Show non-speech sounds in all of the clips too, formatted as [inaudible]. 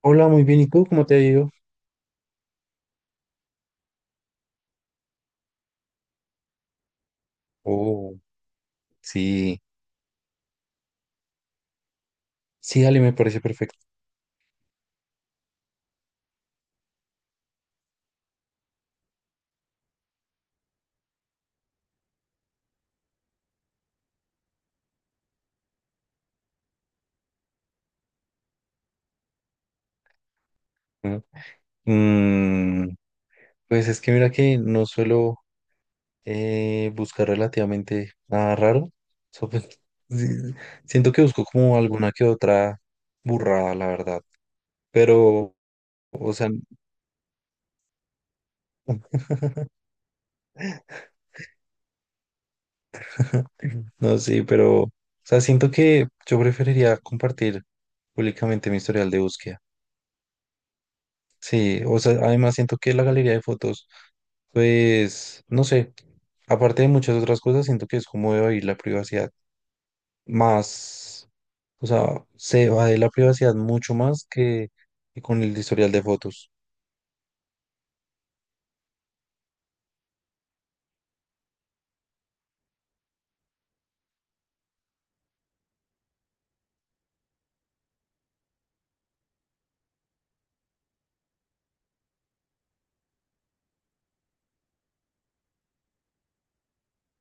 Hola, muy bien. ¿Y tú cómo te ha ido? Oh, sí. Sí, dale, me parece perfecto. ¿No? Mm, pues es que mira que no suelo buscar relativamente nada raro. So, pues, [laughs] sí, siento que busco como alguna que otra burrada, la verdad. Pero, o sea, [laughs] no, sí, pero, o sea, siento que yo preferiría compartir públicamente mi historial de búsqueda. Sí, o sea, además siento que la galería de fotos, pues, no sé, aparte de muchas otras cosas, siento que es como debe ir la privacidad más, o sea, se va de la privacidad mucho más que con el historial de fotos.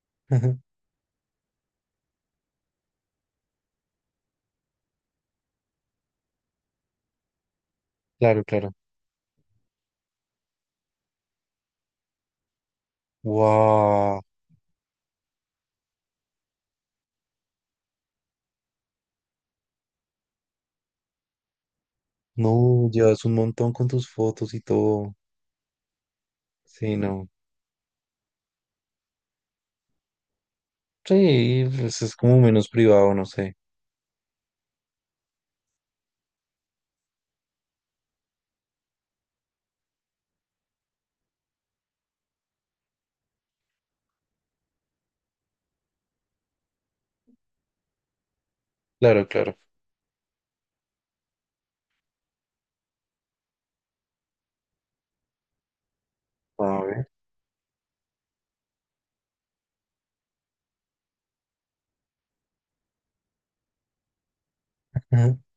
[laughs] Ujú. Claro, claro. Wow, no, llevas un montón con tus fotos y todo. Sí, no. Sí, pues es como menos privado, no sé. Claro, claro. A ver. [laughs]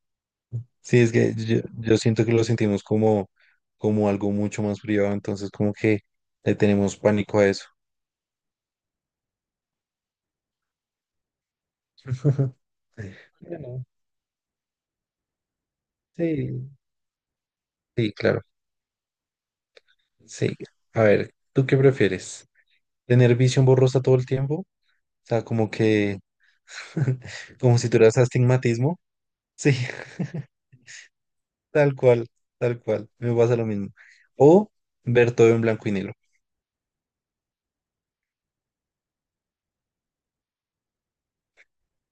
Sí, es que yo siento que lo sentimos como, como algo mucho más privado, entonces como que le tenemos pánico a eso. [laughs] Bueno, sí, sí, claro. Sí. A ver, ¿tú qué prefieres? ¿Tener visión borrosa todo el tiempo? O sea, como que, [laughs] como si tuvieras astigmatismo. Sí, [laughs] tal cual, tal cual. Me pasa lo mismo. O ver todo en blanco y negro.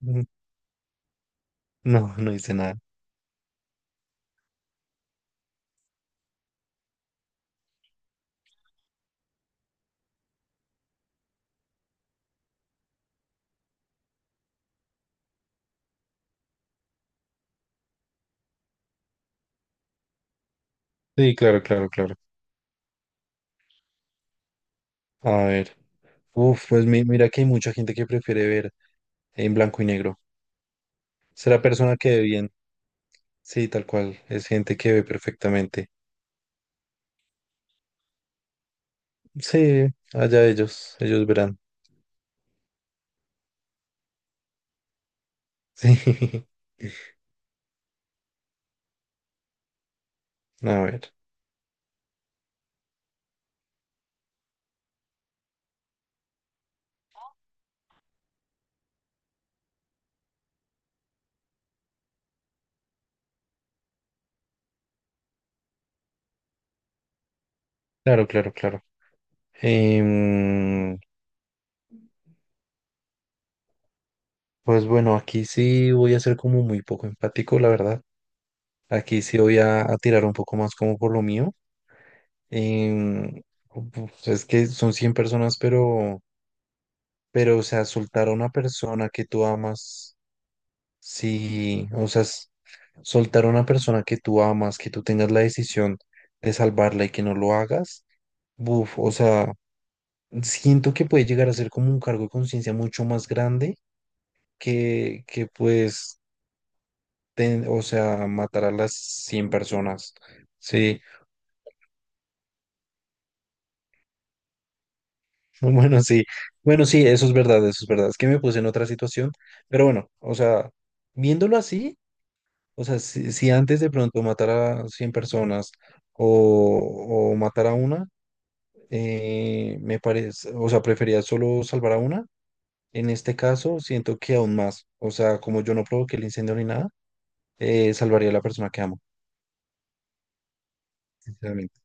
Mm, no, no hice nada. Sí, claro, claro, claro. A ver. Uf, pues mi- mira que hay mucha gente que prefiere ver en blanco y negro. Será persona que ve bien. Sí, tal cual. Es gente que ve perfectamente. Sí, allá ellos. Ellos verán. [laughs] Sí. A ver. Claro, claro, claro. Em, pues bueno, aquí sí voy a ser como muy poco empático, la verdad. Aquí sí voy a tirar un poco más como por lo mío. Em, pues es que son 100 personas, pero, o sea, soltar a una persona que tú amas. Sí, o sea, es- soltar a una persona que tú amas, que tú tengas la decisión de salvarla y que no lo hagas, buf, o sea, siento que puede llegar a ser como un cargo de conciencia mucho más grande que pues, ten- o sea, matar a las 100 personas. Sí, [laughs] bueno, sí, bueno, sí, eso es verdad, eso es verdad. Es que me puse en otra situación, pero bueno, o sea, viéndolo así. O sea, si, si antes de pronto matara a 100 personas o matar a una, me parece, o sea, prefería solo salvar a una. En este caso, siento que aún más. O sea, como yo no provoqué el incendio ni nada, salvaría a la persona que amo, sinceramente.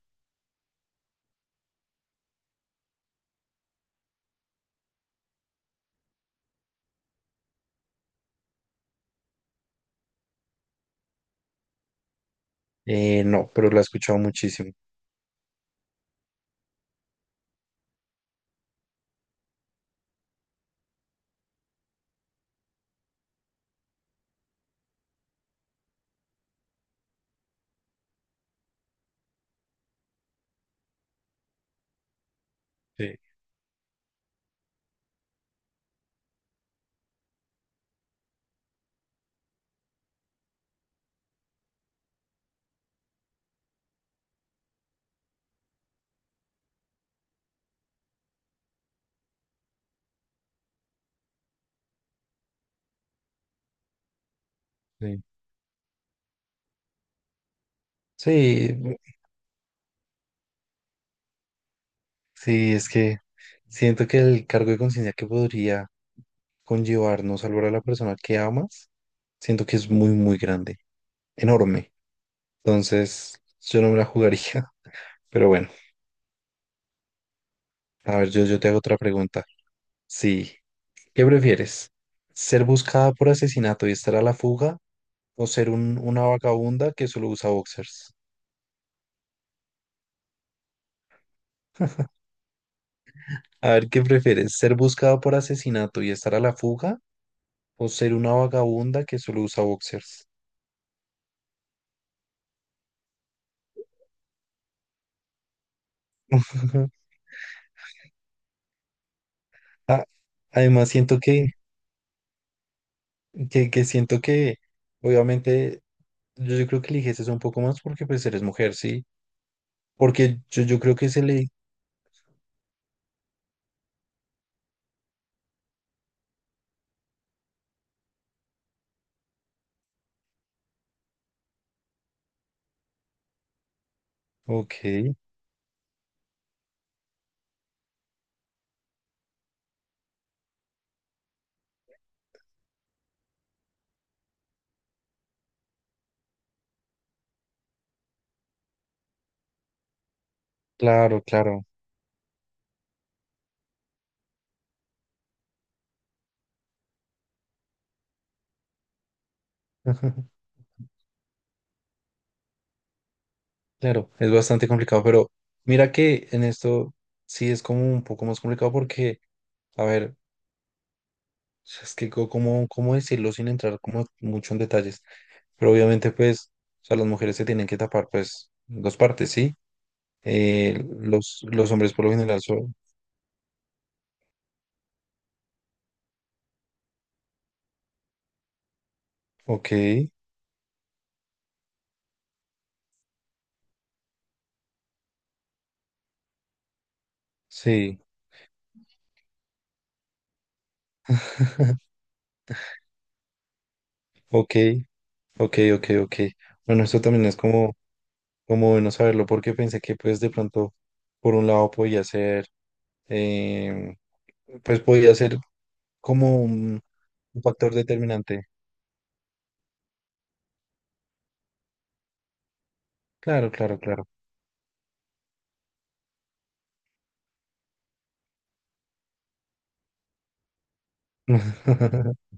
No, pero la he escuchado muchísimo. Sí, sí. Sí, sí, es que siento que el cargo de conciencia que podría conllevar no salvar a la persona que amas, siento que es muy, muy grande, enorme. Entonces, yo no me la jugaría. [laughs] Pero bueno, a ver, yo te hago otra pregunta. Sí, ¿qué prefieres? ¿Ser buscada por asesinato y estar a la fuga o ser un- una vagabunda que solo usa boxers? A ver, ¿qué prefieres? ¿Ser buscada por asesinato y estar a la fuga o ser una vagabunda que solo usa boxers? [laughs] Ujú. Ah, además, siento que siento que, obviamente, yo creo que eliges eso un poco más porque pues eres mujer, ¿sí? Porque yo creo que se le... Ok. Claro, claro. Ajá, claro, es bastante complicado, pero mira que en esto sí es como un poco más complicado porque, a ver, es que co- cómo, cómo decirlo sin entrar como mucho en detalles, pero obviamente pues, o sea, las mujeres se tienen que tapar pues dos partes, ¿sí? Los hombres por lo general son, ok, sí, [laughs] ok, ok, ok, ok. Bueno, esto también es como, como bueno saberlo porque pensé que pues de pronto por un lado podía ser eh, pues podía ser como un factor determinante. Claro, claro, claro. [laughs]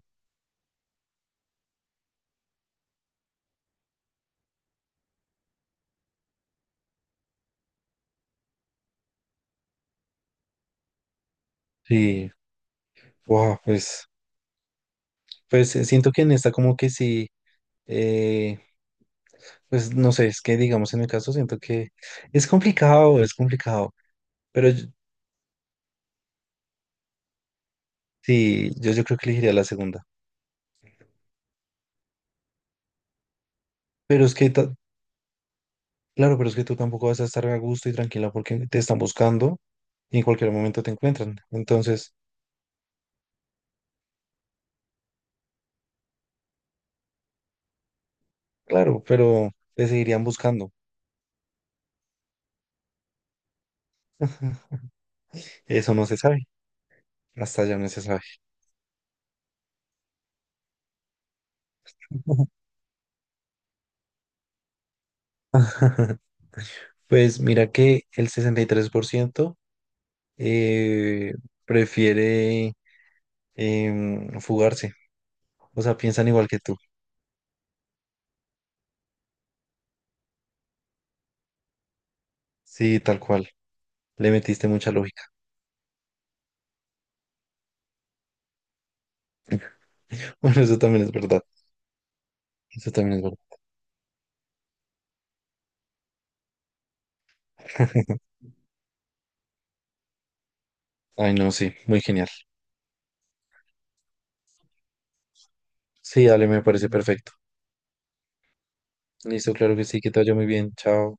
Sí, wow, pues, pues siento que en esta como que sí, eh, pues no sé, es que digamos en el caso siento que es complicado, pero yo- sí, yo creo que elegiría la segunda. Pero es que, ta- claro, pero es que tú tampoco vas a estar a gusto y tranquila porque te están buscando y en cualquier momento te encuentran. Entonces, claro, pero te seguirían buscando. [laughs] Eso no se sabe, hasta ya no se sabe. [laughs] Pues mira que el 63% eh, prefiere fugarse, o sea, piensan igual que tú. Sí, tal cual, le metiste mucha lógica. [laughs] Bueno, eso también es verdad, eso también es verdad. [laughs] Ay, no, sí, muy genial. Sí, dale, me parece perfecto. Listo, claro que sí, que te vaya muy bien, chao.